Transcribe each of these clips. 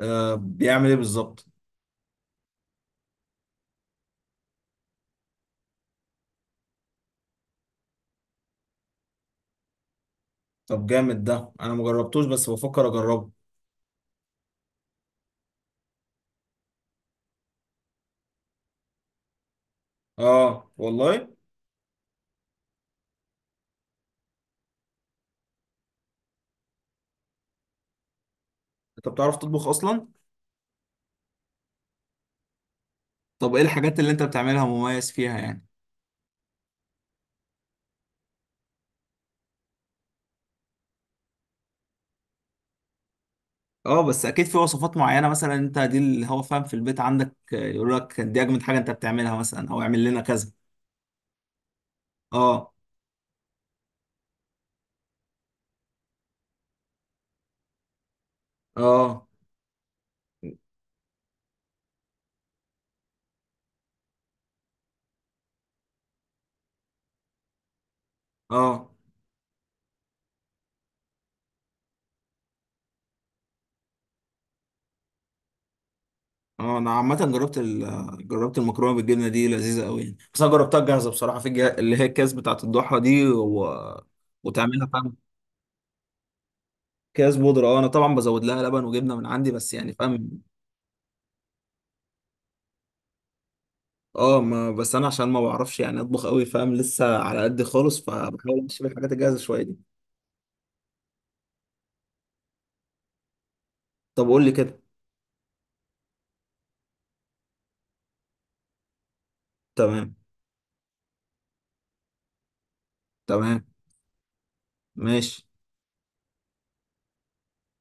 آه، بيعمل ايه بالظبط؟ طب جامد ده، انا مجربتوش بس بفكر اجربه. اه والله. انت بتعرف تطبخ اصلا؟ طب ايه الحاجات اللي انت بتعملها مميز فيها يعني؟ اه، بس اكيد في وصفات معينة، مثلا انت دي اللي هو فاهم في البيت عندك، يقول لك دي اجمد حاجة انت بتعملها، مثلا او اعمل لنا كذا. اه. اه. اه. اه. انا عامة جربت جربت المكرونة بالجبنة دي، لذيذة قوي يعني، بس انا جربتها جاهزه بصراحه، في اللي هي الكاس بتاعت الضحى دي وتعملها. اكياس بودرة، اه انا طبعا بزود لها لبن وجبنه من عندي بس، يعني فاهم. اه، ما بس انا عشان ما بعرفش يعني اطبخ قوي، فاهم، لسه على قد خالص، فبحاول امشي بالحاجات الجاهزه شويه دي. طب قول لي كده. تمام. تمام ماشي.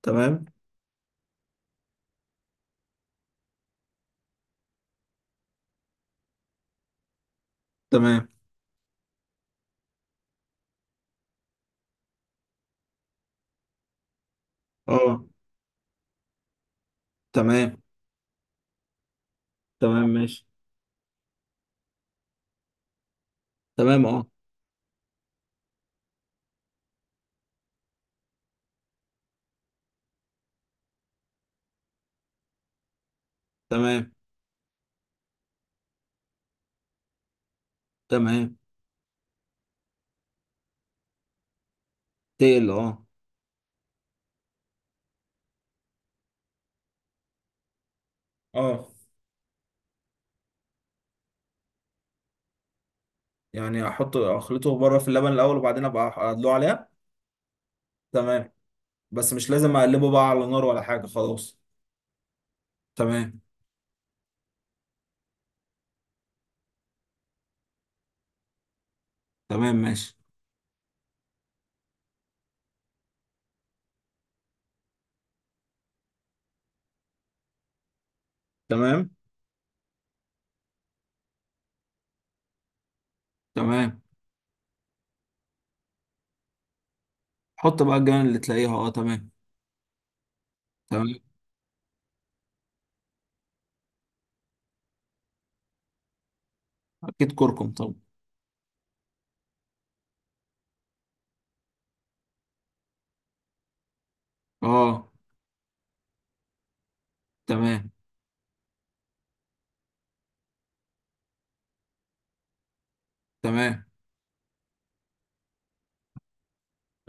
تمام. تمام اه. تمام. تمام ماشي. تمام اه. تمام. تمام. تقل اه. اه، يعني احط اخلطه بره في اللبن الاول وبعدين ابقى ادلوه عليها؟ تمام. بس مش لازم اقلبه بقى على نار ولا حاجه خلاص؟ تمام. تمام ماشي. تمام. تمام. حط بقى الجبن اللي تلاقيها، اه تمام. تمام، اكيد كركم طبعا. اه. تمام. تمام.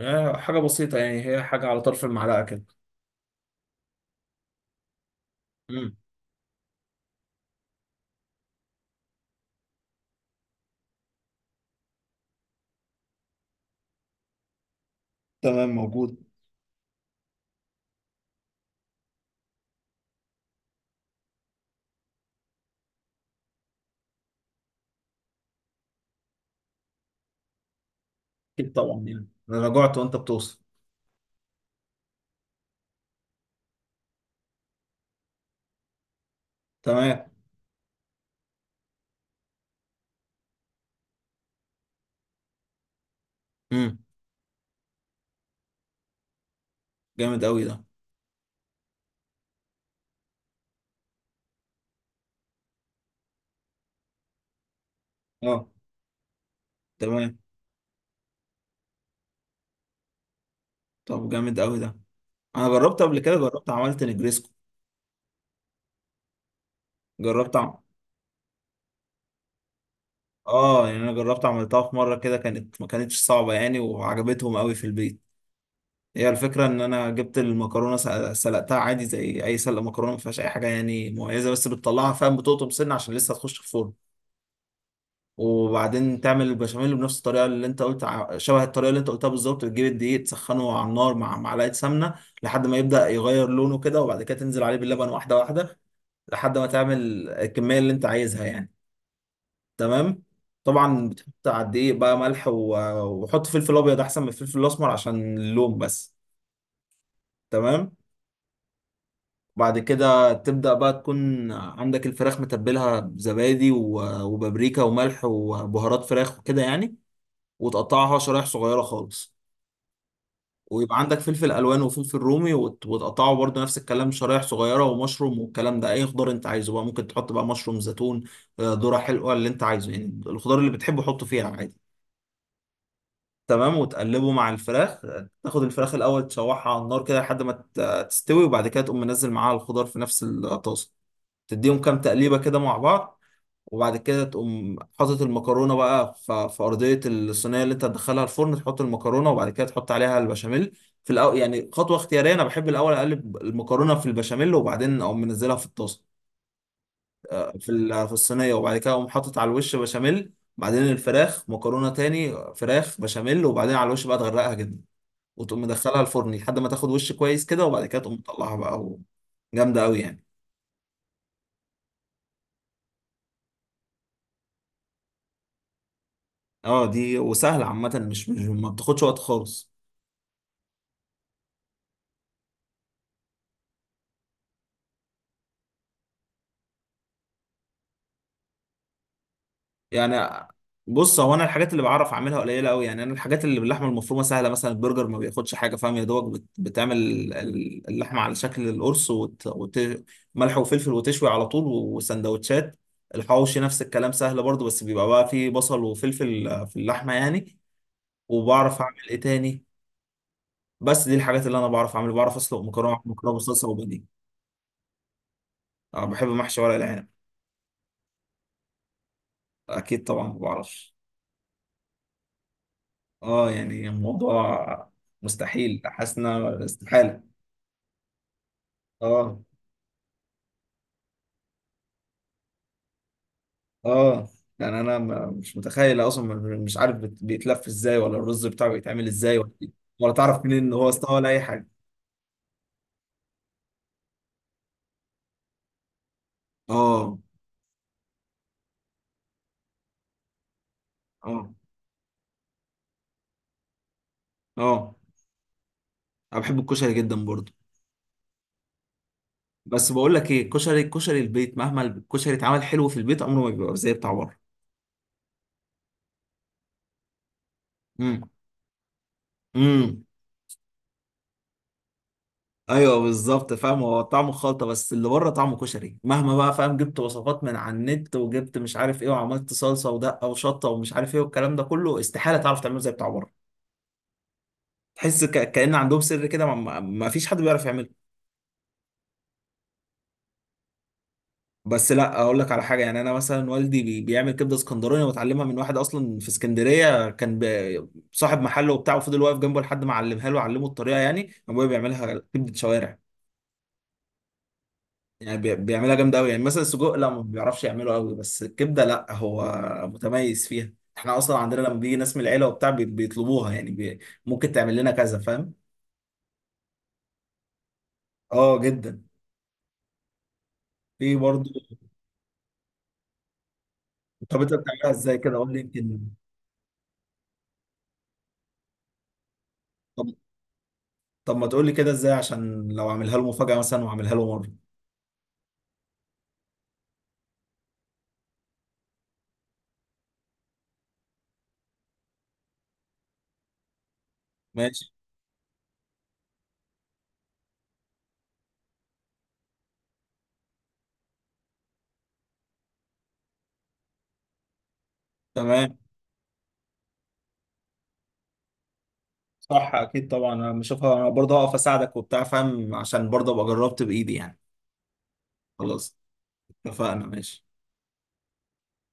آه، حاجة بسيطة يعني، هي حاجة على طرف المعلقة كده. امم، تمام موجود. أكيد طبعا يعني، أنا جوعت وأنت بتوصل. تمام. امم. جامد قوي ده. اه تمام. طب جامد قوي ده، انا جربت قبل كده، جربت عملت نجريسكو. جربت عم... اه يعني انا جربت عملتها في مره كده، كانت ما كانتش صعبه يعني، وعجبتهم قوي في البيت. هي الفكرة إن أنا جبت المكرونة، سلقتها عادي زي أي سلق مكرونة، ما فيهاش أي حاجة يعني مميزة، بس بتطلعها فاهم بتقطم سنة عشان لسه هتخش في الفرن. وبعدين تعمل البشاميل بنفس الطريقة اللي أنت شبه الطريقة اللي أنت قلتها بالظبط، بتجيب الدقيق تسخنه على النار مع معلقة سمنة، لحد ما يبدأ يغير لونه كده، وبعد كده تنزل عليه باللبن واحدة واحدة، لحد ما تعمل الكمية اللي أنت عايزها يعني. تمام. طبعا بتحط على الدقيق بقى ملح وحط فلفل أبيض أحسن من الفلفل الأسمر عشان اللون بس. تمام. بعد كده تبدأ بقى تكون عندك الفراخ متبلها بزبادي وبابريكا وملح وبهارات فراخ وكده يعني، وتقطعها شرايح صغيرة خالص، ويبقى عندك فلفل ألوان وفلفل رومي وتقطعه برضه نفس الكلام شرايح صغيرة ومشروم، والكلام ده أي خضار أنت عايزه بقى، ممكن تحط بقى مشروم، زيتون، ذرة حلوة، اللي أنت عايزه يعني الخضار اللي بتحبه حطه فيها عادي. تمام، وتقلبه مع الفراخ. تاخد الفراخ الأول تشوحها على النار كده لحد ما تستوي، وبعد كده تقوم منزل معاها الخضار في نفس الطاسة، تديهم كام تقليبة كده مع بعض، وبعد كده تقوم حاطط المكرونة بقى في أرضية الصينية اللي أنت هتدخلها الفرن، تحط المكرونة وبعد كده تحط عليها البشاميل. في الأول يعني خطوة اختيارية، أنا بحب الأول أقلب المكرونة في البشاميل وبعدين أقوم منزلها في الطاسة، في الصينية، وبعد كده أقوم حاطط على الوش بشاميل، بعدين الفراخ، مكرونة تاني، فراخ، بشاميل، وبعدين على الوش بقى تغرقها جدا، وتقوم مدخلها الفرن لحد ما تاخد وش كويس كده، وبعد كده تقوم تطلعها بقى جامدة أوي يعني. اه دي وسهله عامه، مش ما بتاخدش وقت خالص يعني. بص هو انا الحاجات اللي بعرف اعملها قليله قوي يعني، انا الحاجات اللي باللحمه المفرومه سهله، مثلا البرجر ما بياخدش حاجه، فاهم، يا دوبك بتعمل اللحمه على شكل القرص ملح وفلفل وتشوي على طول، وسندوتشات. الحواوشي نفس الكلام سهل برضو، بس بيبقى بقى فيه بصل وفلفل في اللحمه يعني. وبعرف اعمل ايه تاني؟ بس دي الحاجات اللي انا بعرف اعملها، بعرف اسلق مكرونه، مكرونه بصلصه وبانيه. بحب محشي ورق العنب. اكيد طبعا، ما بعرفش. اه يعني الموضوع، مستحيل، حاسس ان أنا استحالة. اه. اه يعني انا مش متخيل اصلا، مش عارف بيتلف ازاي، ولا الرز بتاعه بيتعمل ازاي، ولا إيه، ولا تعرف منين ان هو استوى، ولا اي حاجة. اه. اه. اه، انا بحب الكشري جدا برضه. بس بقول لك ايه، كشري، كشري البيت مهما الكشري اتعمل حلو في البيت عمره ما بيبقى زي بتاع بره. امم. امم. ايوه بالظبط، فاهم، هو طعمه خلطه، بس اللي بره طعمه كشري، مهما بقى فاهم، جبت وصفات من على النت، وجبت مش عارف ايه، وعملت صلصه ودقه وشطه ومش عارف ايه، والكلام ده كله استحاله تعرف تعمله زي بتاع بره. تحس كأن عندهم سر كده، ما فيش حد بيعرف يعمله. بس لا اقول لك على حاجه، يعني انا مثلا والدي بيعمل كبده اسكندراني، وتعلمها من واحد اصلا في اسكندريه، كان صاحب محل وبتاع، وفضل واقف جنبه لحد ما علمها له، علمه الطريقه، يعني ابويا بيعملها كبده شوارع، يعني بيعملها جامدة أوي يعني، مثلا السجق لا ما بيعرفش يعمله أوي، بس الكبدة لا، هو متميز فيها. احنا أصلا عندنا لما بيجي ناس من العيلة وبتاع بيطلبوها يعني، ممكن تعمل لنا كذا، فاهم؟ اه جدا. في برضه. طب أنت بتعملها إزاي كده؟ قول لي يمكن. طب طب ما تقول لي كده إزاي، عشان لو أعملها له مفاجأة مثلا، وأعملها له مرة. ماشي. تمام. صح أكيد طبعا، أنا بشوفها، أنا برضه هقف أساعدك وبتاع فاهم، عشان برضه أبقى جربت بإيدي يعني. خلاص. اتفقنا ماشي.